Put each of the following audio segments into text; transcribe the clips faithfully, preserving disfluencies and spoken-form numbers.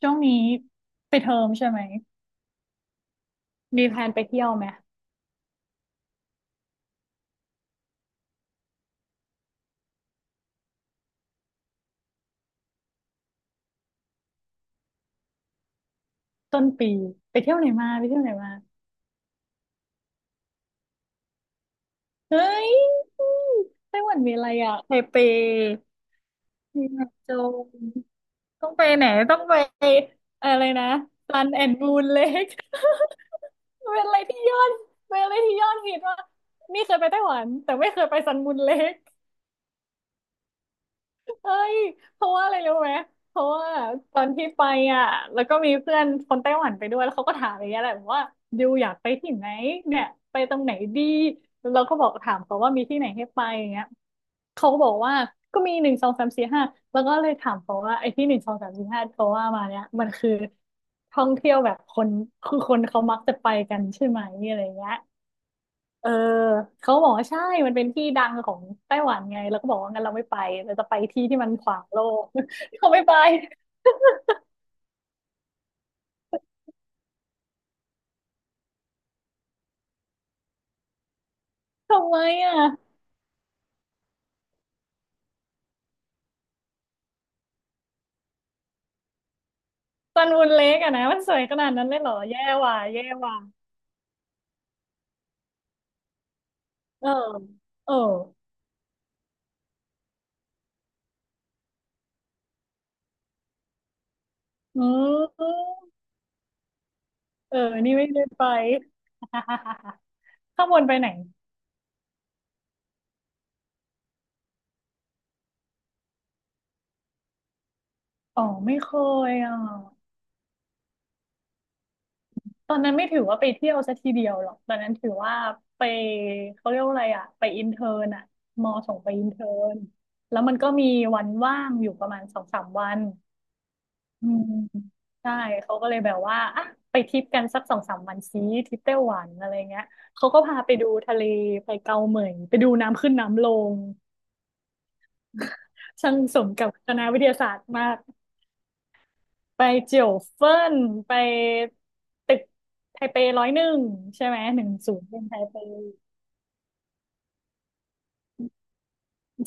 ช่วงนี้ไปดเทอมใช่ไหมมีแพลนไปเที่ยวไหมต้นปีไปเที่ยวไหนมาไปเที่ยวไหนมาเฮ้ยไต้หวันมีอะไรอ่ะไทเปมีแมวโจรต้องไปไหนต้องไปอะไรนะซันแอนด์มูนเลค เป็นอะไรที่ยอดเป็นอะไรที่ยอดฮิตว่ากนี่เคยไปไต้หวันแต่ไม่เคยไปซันมูนเลค เฮ้ยเพราะว่าอะไรรู้ไหมเพราะว่าตอนที่ไปอ่ะแล้วก็มีเพื่อนคนไต้หวันไปด้วยแล้วเขาก็ถามอย่างเงี้ยแหละบอกว่าดิวอยากไปที่ไหนเนี่ยไปตรงไหนดีแล้วเราก็บอกถามเขาว่ามีที่ไหนให้ไปอย่างเงี้ยเขาก็บอกว่าก็มีหนึ่งสองสามสี่ห้าแล้วก็เลยถามเขาว่าไอ้ที่หนึ่งสองสามสี่ห้าเขาว่ามาเนี่ยมันคือท่องเที่ยวแบบคนคือคนเขามักจะไปกันใช่ไหมอะไรเงี้ย เออเขาบอกว่าใช่มันเป็นที่ดังของไต้หวันไงแล้วก็บอกว่างั้นเราไม่ไปเราจะไปที่ที่มันขวางโลก เขาไม่ไปทำไมอ่ะซันวูนเล็กอะนะมันสวยขนาดนั้นเลยเหรอแย่ว่ะแย่ว่ะเออเอออืมเออนี่ไม่ได้ไป ข้างบนไปไหนอ๋อไม่เคยอ่ะ ตอนนั้นไม่ถือว่าไปเที่ยวซะทีเดียวหรอกตอนนั้นถือว่าไปเขาเรียกว่าอะไรอะไปอินเทิร์นอะมอส่งไปอินเทิร์นแล้วมันก็มีวันว่างอยู่ประมาณสองสามวันอืมใช่เขาก็เลยแบบว่าอ่ะไปทริปกันสักสองสามวันซีทริปไต้หวันอะไรเงี้ยเขาก็พาไปดูทะเลไปเกาเหมยไปดูน้ำขึ้นน้ำลงช่างสมกับคณะวิทยาศาสตร์มากไปเจียวเฟิ่นไปตึกไทเปร้อยหนึ่งใช่ไหมหนึ่งศูนย์เป็นไทเป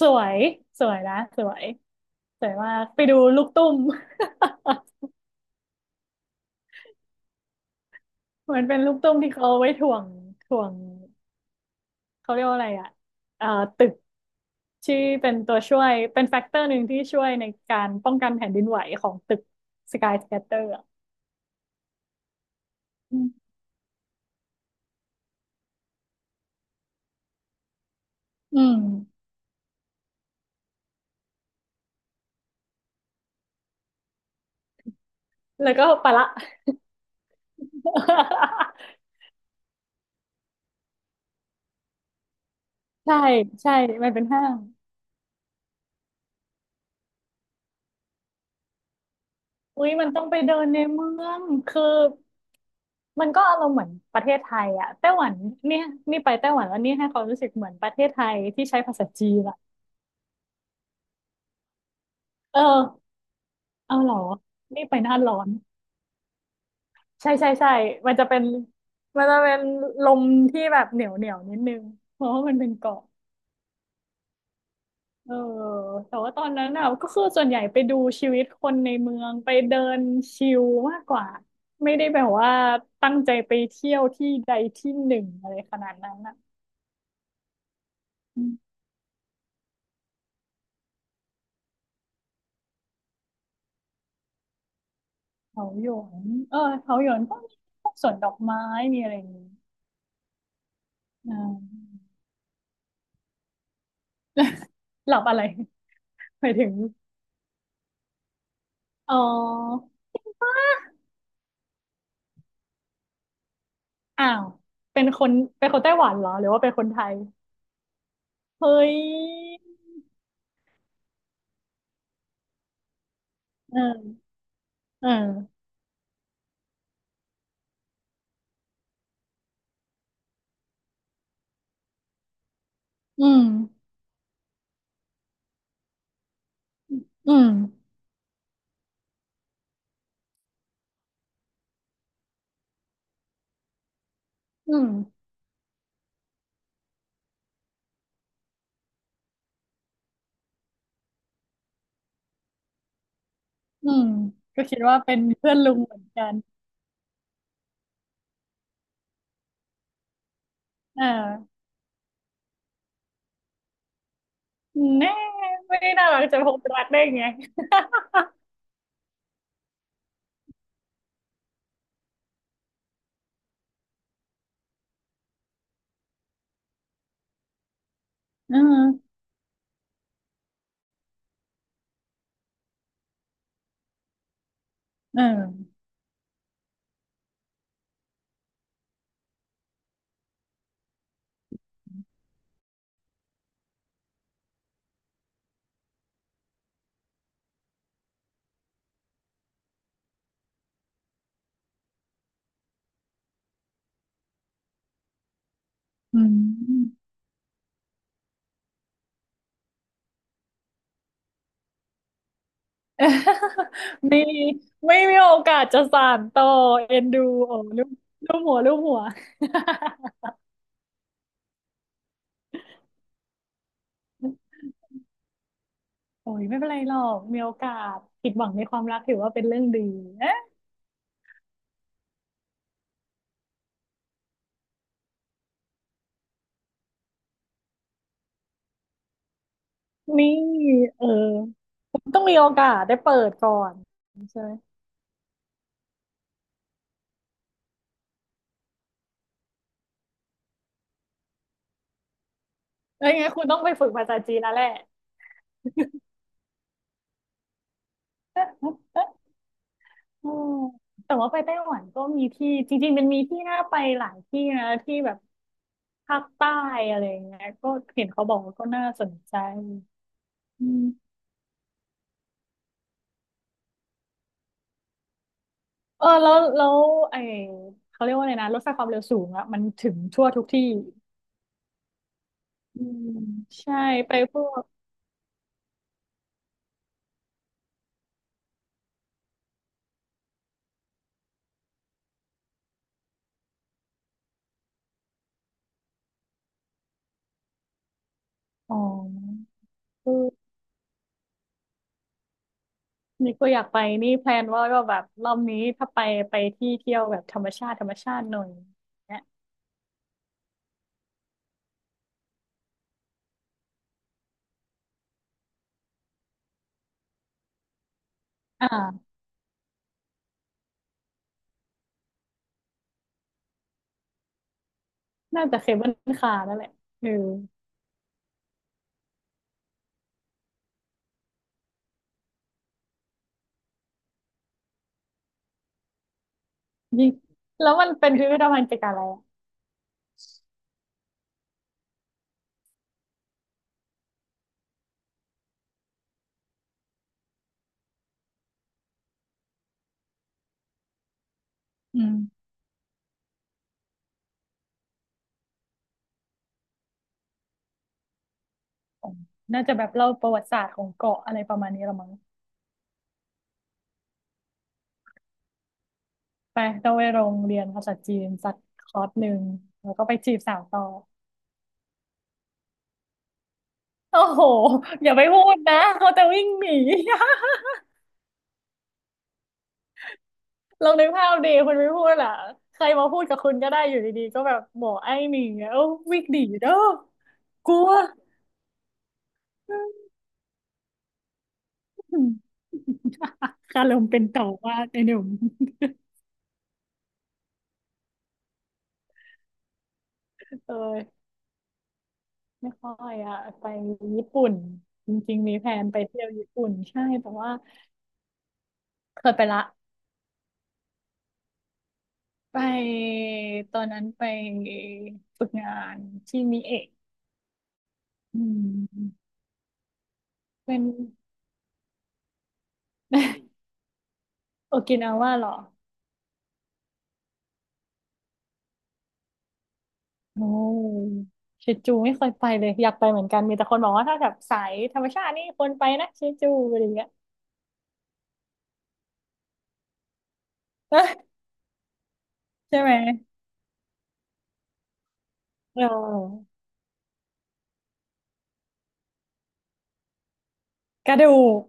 สวย สวยนะ สวย สวยมาก ไปดูลูกตุ้ม เหมือนเป็นลูกตุ้มที่เขาเอาไว้ถ่วงถ่วง เขาเรียกว่าอะไรอ่ะเอ่อตึก ที่เป็นตัวช่วย เป็นแฟกเตอร์หนึ่งที่ช่วยในการป้องกันแผ่นดินไหวของตึกสกายสแคตเตอร์อ่ะอืมอืม แล้วก็ปะละ ใช่ ใช่ มันเป็นห้างอุ้ยมันต้องไปเดินในเมืองคือ มันก็อารมณ์เหมือนประเทศไทยอะไต้หวันเนี่ยนี่ไปไต้หวันแล้วนี่ให้ความรู้สึกเหมือนประเทศไทยที่ใช้ภาษาจีนอะเออเอาเหรอนี่ไปหน้าร้อนใช่ใช่ใช่มันจะเป็นมันจะเป็นลมที่แบบเหนียวเหนียวนิดนึงเพราะว่ามันเป็นเกาะเออแต่ว่าตอนนั้นอะก็คือส่วนใหญ่ไปดูชีวิตคนในเมืองไปเดินชิลมากกว่าไม่ได้แบบว่าตั้งใจไปเที่ยวที่ใดที่หนึ่งอะไรขนาดนั้นอะ เขาหยวนเออเขาหยวนก็มีพวกสวนดอกไม้ มีอะไรอย่างนี้อ่าหลับอะไร ไปถึงอ๋ออ้าว เป็นคนเป็นคนไต้หวันเหรอ หรือว่าเป็นคนไทย เฮ้ยเออเอออืมอืมอืมอืมก็คิดว่าเป็นเพื่อนลุงเหมือนกันเออแน่ไม่ได้น่ารักจะพบรักได้ไงเออเอออืม มีไม่มีโอกาสจะสานต่อเอ็นดูโอ้ลูกลูกหัวลูกหัว โอ้ยไม่เป็นไรหรอกมีโอกาสผิดหวังในความรักถือว่าเป็นเรื่องดี นะนี่เออคุณต้องมีโอกาสได้เปิดก่อนใช่ไหมแล้วยังไงคุณต้องไปฝึกภาษาจีนแล้วแหละ อืมแต่ว่าไปไต้หวันก็มีที่จริงๆมันมีที่น่าไปหลายที่นะที่แบบภาคใต้อะไรอย่างเงี้ยก็เห็นเขาบอกว่าก็น่าสนใจอืม เออแล้วแล้วไอเขาเรียกว่าอะไรนะรถไฟความเร็วสูงอะมันถึงทั่วทุกที่อืมใช่ไปพวกอ๋อเออนี่ก็อยากไปนี่แพลนว่าก็แบบรอบนี้ถ้าไปไปที่เที่ยวแบบธรรมชาติธรรมชาติหน่อยเนี่ยอ่าน่าจะเคเบิลคาร์นั่นแหละเออยิ่งแล้วมันเป็นพิพิธภัณฑ์เกี่ยวกับอะไรอะอืมอ๋อน่าจะแบบเล่าประวัติศาสตร์ของเกาะอะไรประมาณนี้ละมั้งไปต้องไปโรงเรียนภาษาจีนสักคอร์สหนึ่งแล้วก็ไปจีบสาวต่อ โอ้โหอย่าไปพูดนะเขาจะวิ่งหนี ลองนึกภาพดีคุณไม่พูดล่ะใครมาพูดกับคุณก็ได้อยู่ดีๆก็แบบหมอไอ้หนไงเอ้าวิ่งหนีเด้อกลัวอืมคารมเป็นต่อว่าไอ้หนุ่มเออไม่ค่อยอะไปญี่ปุ่นจริงๆมีแผนไปเที่ยวญี่ปุ่นใช่แต่ว่าเคยไปละไปตอนนั้นไปฝึกงานที่มิเอะอืมเป็น โอกินาว่าเหรอ โอ้เชจูไม่เคยไปเลยอยากไปเหมือนกันมีแต่คนบอกว่าถ้าแบบสายธรรมชาตินี่ควรไปนะเชจูอะไรอย่างเงี้ย ใช่ไหมเออกระดูก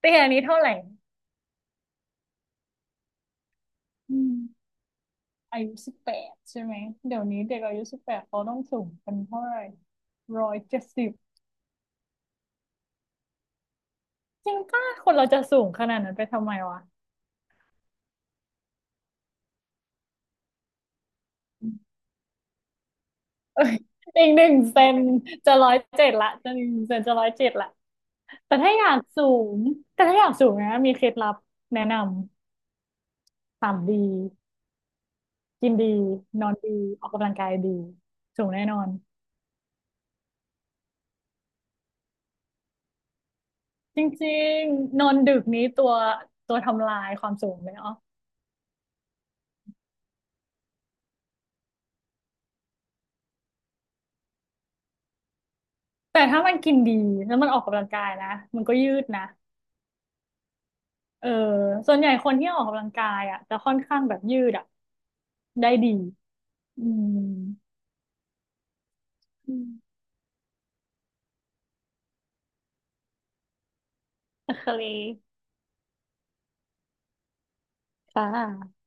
เตี้ยนี้เท่าไหร่อืมอายุสิบแปดใช่ไหมเดี๋ยวนี้เด็กอายุสิบแปดเขาต้องสูงกันเท่าไหร่ร้อยเจ็ดสิบจริงป่ะคนเราจะสูงขนาดนั้นไปทำไมวะเอ้ย อีกหนึ่งเซนจะร้อยเจ็ดละจะหนึ่งเซนจะร้อยเจ็ดละแต่ถ้าอยากสูงแต่ถ้าอยากสูงนะมีเคล็ดลับแนะนำ ต่ำดีกินดีนอนดีออกกำลังกายดีสูงแน่นอนจริงๆนอนดึกนี้ตัวตัวทำลายความสูงเลยเนาะแต่ถ้ามันกินดีแล้วมันออกกำลังกายนะมันก็ยืดนะเออส่วนใหญ่คนที่ออกกำลังกายอ่ะจะค่อนข้างแบบยืดอ่ะได้ดีอืมอืมโอเคค่ะ